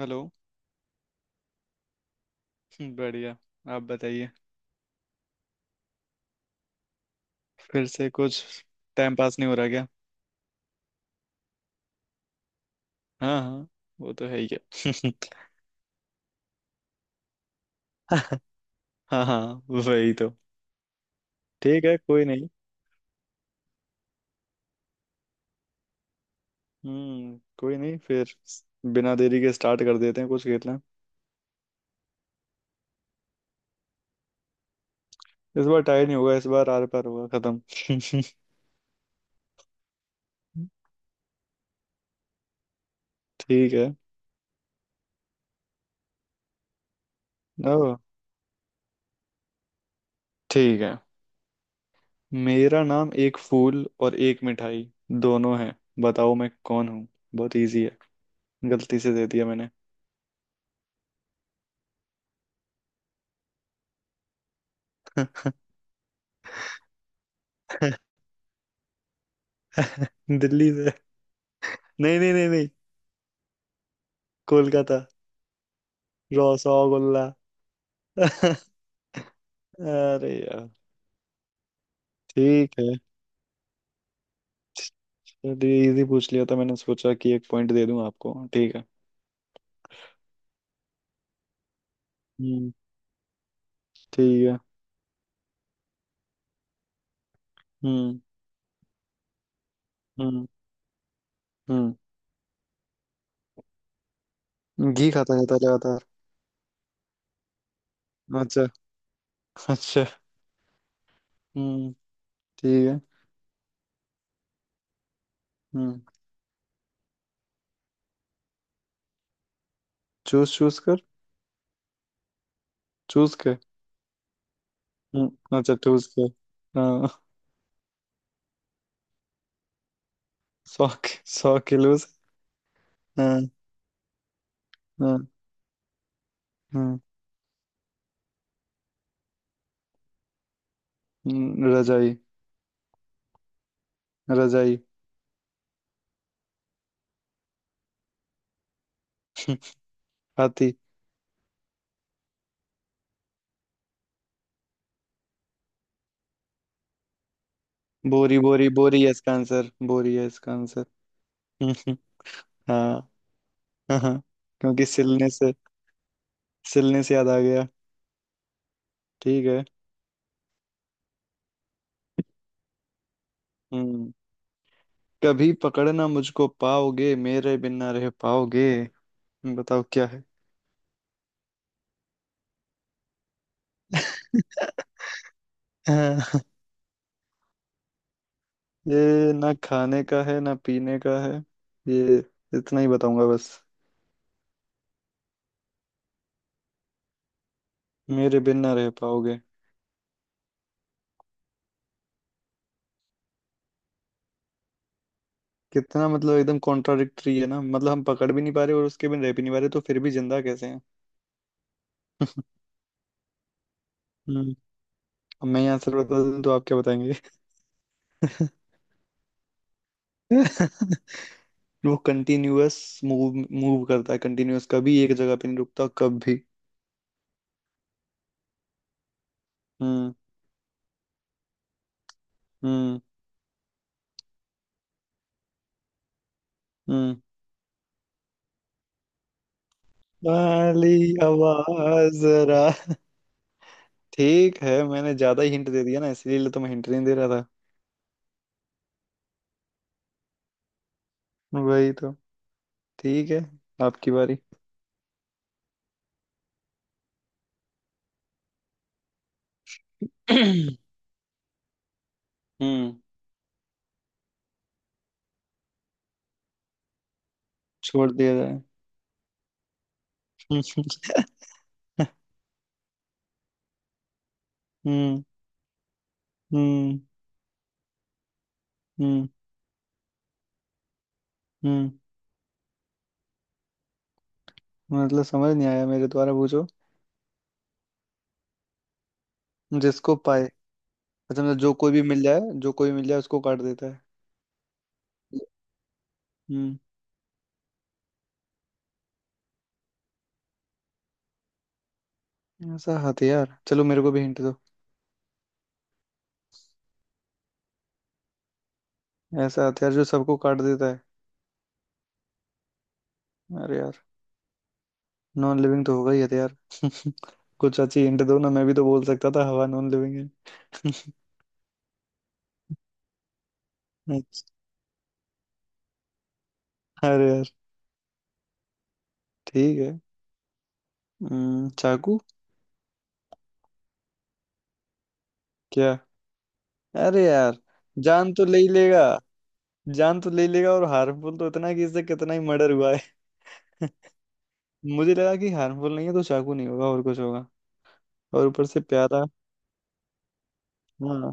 Hello. बढ़िया। आप बताइए। फिर से कुछ। टाइम पास नहीं हो रहा क्या। हाँ हाँ। वो तो है ही है। हाँ हाँ। वही तो। ठीक है कोई नहीं। हम्म। कोई नहीं फिर। बिना देरी के स्टार्ट कर देते हैं कुछ खेलना। इस बार टाई नहीं होगा इस बार आर पार होगा खत्म। ठीक है। ओ। ठीक है। मेरा नाम एक फूल और एक मिठाई दोनों है। बताओ मैं कौन हूँ। बहुत इजी है। गलती से दे दिया मैंने। दिल्ली से। नहीं नहीं नहीं नहीं। कोलकाता। रसगुल्ला। अरे यार। ठीक है। चलिए इजी पूछ लिया था मैंने सोचा कि एक पॉइंट दे दूं आपको ठीक है। हम्म। ठीक है। हम्म। हम्म। हम्म। घी खाता रहता है लगातार। अच्छा। अच्छा। हम्म। ठीक है। हम्म। चूस चूस कर। चूस के। हम्म, अच्छा चूस के। हाँ। 100। 100 किलो से। हाँ। हाँ। हम्म। रजाई। रजाई। हाथी। बोरी बोरी बोरी है इसका आंसर बोरी है इसका आंसर। हम्म, हाँ। हाँ। क्योंकि सिलने से याद आ गया। ठीक है। हम्म। कभी पकड़ना मुझको पाओगे मेरे बिना रह पाओगे। बताओ क्या है। हाँ, ये ना खाने का है ना पीने का है। ये इतना ही बताऊंगा बस। मेरे बिन ना रह पाओगे। कितना मतलब एकदम कॉन्ट्राडिक्टरी है ना मतलब हम पकड़ भी नहीं पा रहे और उसके बिन रह भी नहीं पा रहे तो फिर भी जिंदा कैसे हैं। हम्म। अब मैं यहाँ आंसर बता दूं तो आप क्या बताएंगे। वो कंटिन्यूअस मूव मूव करता है कंटिन्यूअस कभी एक जगह पे नहीं रुकता कभी। हम्म। हम्म। हम्म। वाली आवाज जरा। ठीक है मैंने ज्यादा ही हिंट दे दिया ना इसीलिए तो मैं हिंट नहीं दे रहा था। वही तो। ठीक है। आपकी बारी। हम्म। छोड़ दिया जाए। हम्म। हम्म। हम्म। हम्म। मतलब समझ नहीं आया मेरे द्वारा पूछो। जिसको पाए। अच्छा मतलब जो कोई भी मिल जाए जो कोई भी मिल जाए उसको काट देता है। हम्म। ऐसा हथियार चलो मेरे को भी हिंट दो। ऐसा हथियार जो सबको काट देता है। अरे यार। नॉन लिविंग तो होगा ही हथियार। कुछ अच्छी हिंट दो ना मैं भी तो बोल सकता था हवा नॉन लिविंग है। अच्छा, अरे यार। ठीक है। चाकू। क्या। अरे यार। जान तो ले ही लेगा। जान तो ले ही लेगा और हार्मफुल तो इतना है कि इससे कितना ही मर्डर हुआ है। मुझे लगा कि हार्मफुल नहीं है तो चाकू नहीं होगा और कुछ होगा। और ऊपर से प्यारा। हाँ।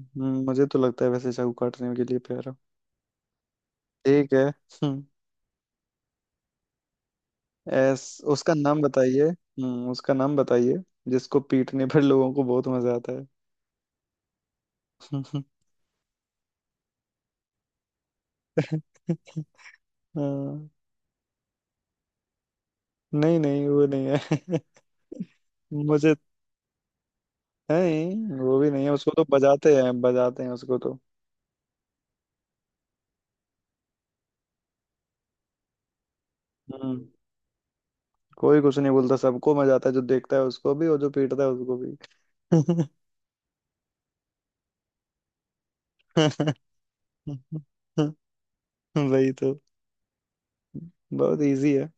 मुझे तो लगता है वैसे चाकू काटने के लिए प्यारा। ठीक है। एस। उसका नाम बताइए। उसका नाम बताइए जिसको पीटने पर लोगों को बहुत मजा आता है। हाँ, नहीं नहीं वो नहीं है। मुझे नहीं वो भी नहीं है उसको तो बजाते हैं उसको तो। हम्म। कोई कुछ नहीं बोलता सबको मजा आता है जो देखता है उसको भी और जो पीटता है उसको भी। वही तो। बहुत इजी है।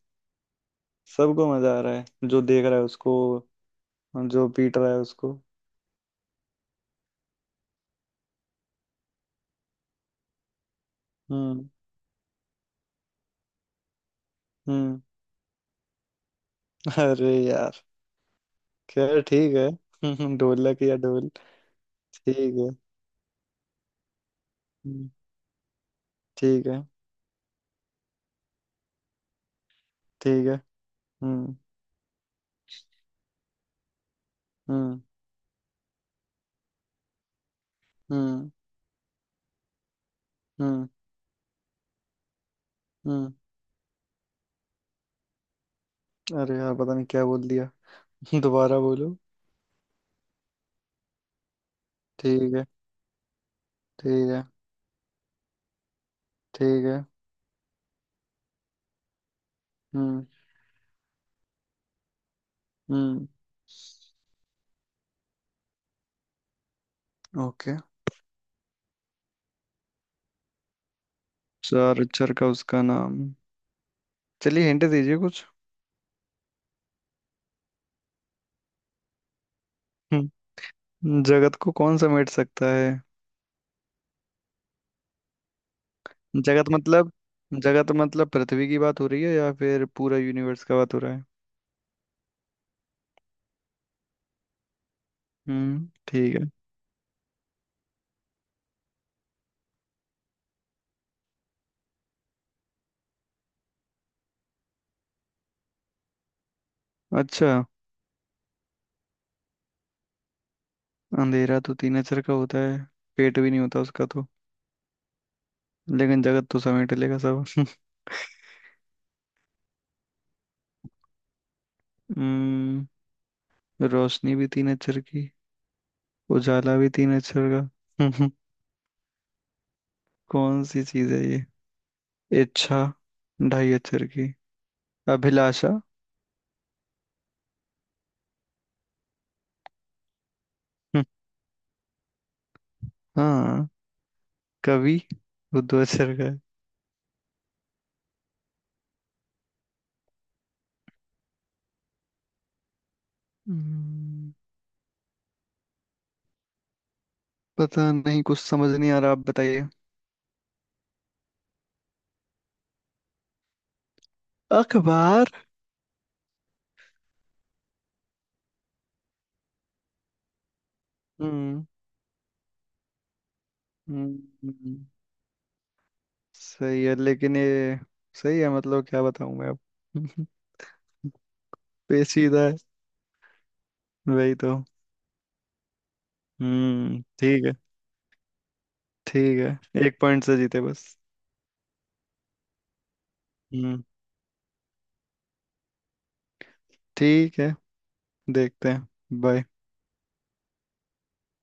सबको मजा आ रहा है जो देख रहा है उसको जो पीट रहा है उसको। हम्म। हम्म। अरे यार। खैर ठीक है। ढोलक या ढोल। ठीक है। हम्म, ठीक है। ठीक है। हम्म। हम्म। हम्म। हम्म। हम्म। अरे यार पता नहीं क्या बोल दिया। दोबारा बोलो। ठीक है। ठीक है। ठीक है। हम्म। हम्म। ओके। चार अक्षर का उसका नाम। चलिए हिंट दीजिए कुछ। हम्म, जगत को कौन समेट सकता है। जगत मतलब जगत मतलब पृथ्वी की बात हो रही है या फिर पूरा यूनिवर्स का बात हो रहा है। ठीक है। अच्छा। अंधेरा तो तीन अक्षर का होता है। पेट भी नहीं होता उसका तो। लेकिन जगत तो समेट लेगा सब। हम्म। रोशनी भी तीन अक्षर की। उजाला भी तीन अक्षर का। कौन सी चीज है ये। इच्छा। ढाई अक्षर की। अभिलाषा। हाँ। कवि। वो दो अक्षर का है। हम्म, पता नहीं कुछ समझ नहीं आ रहा आप बताइए। अखबार। हम्म। हम्म, सही है लेकिन ये सही है मतलब क्या बताऊं मैं अब। पेचीदा है। वही तो। ठीक है। ठीक है एक पॉइंट से जीते बस। हम्म। ठीक है। देखते हैं। बाय।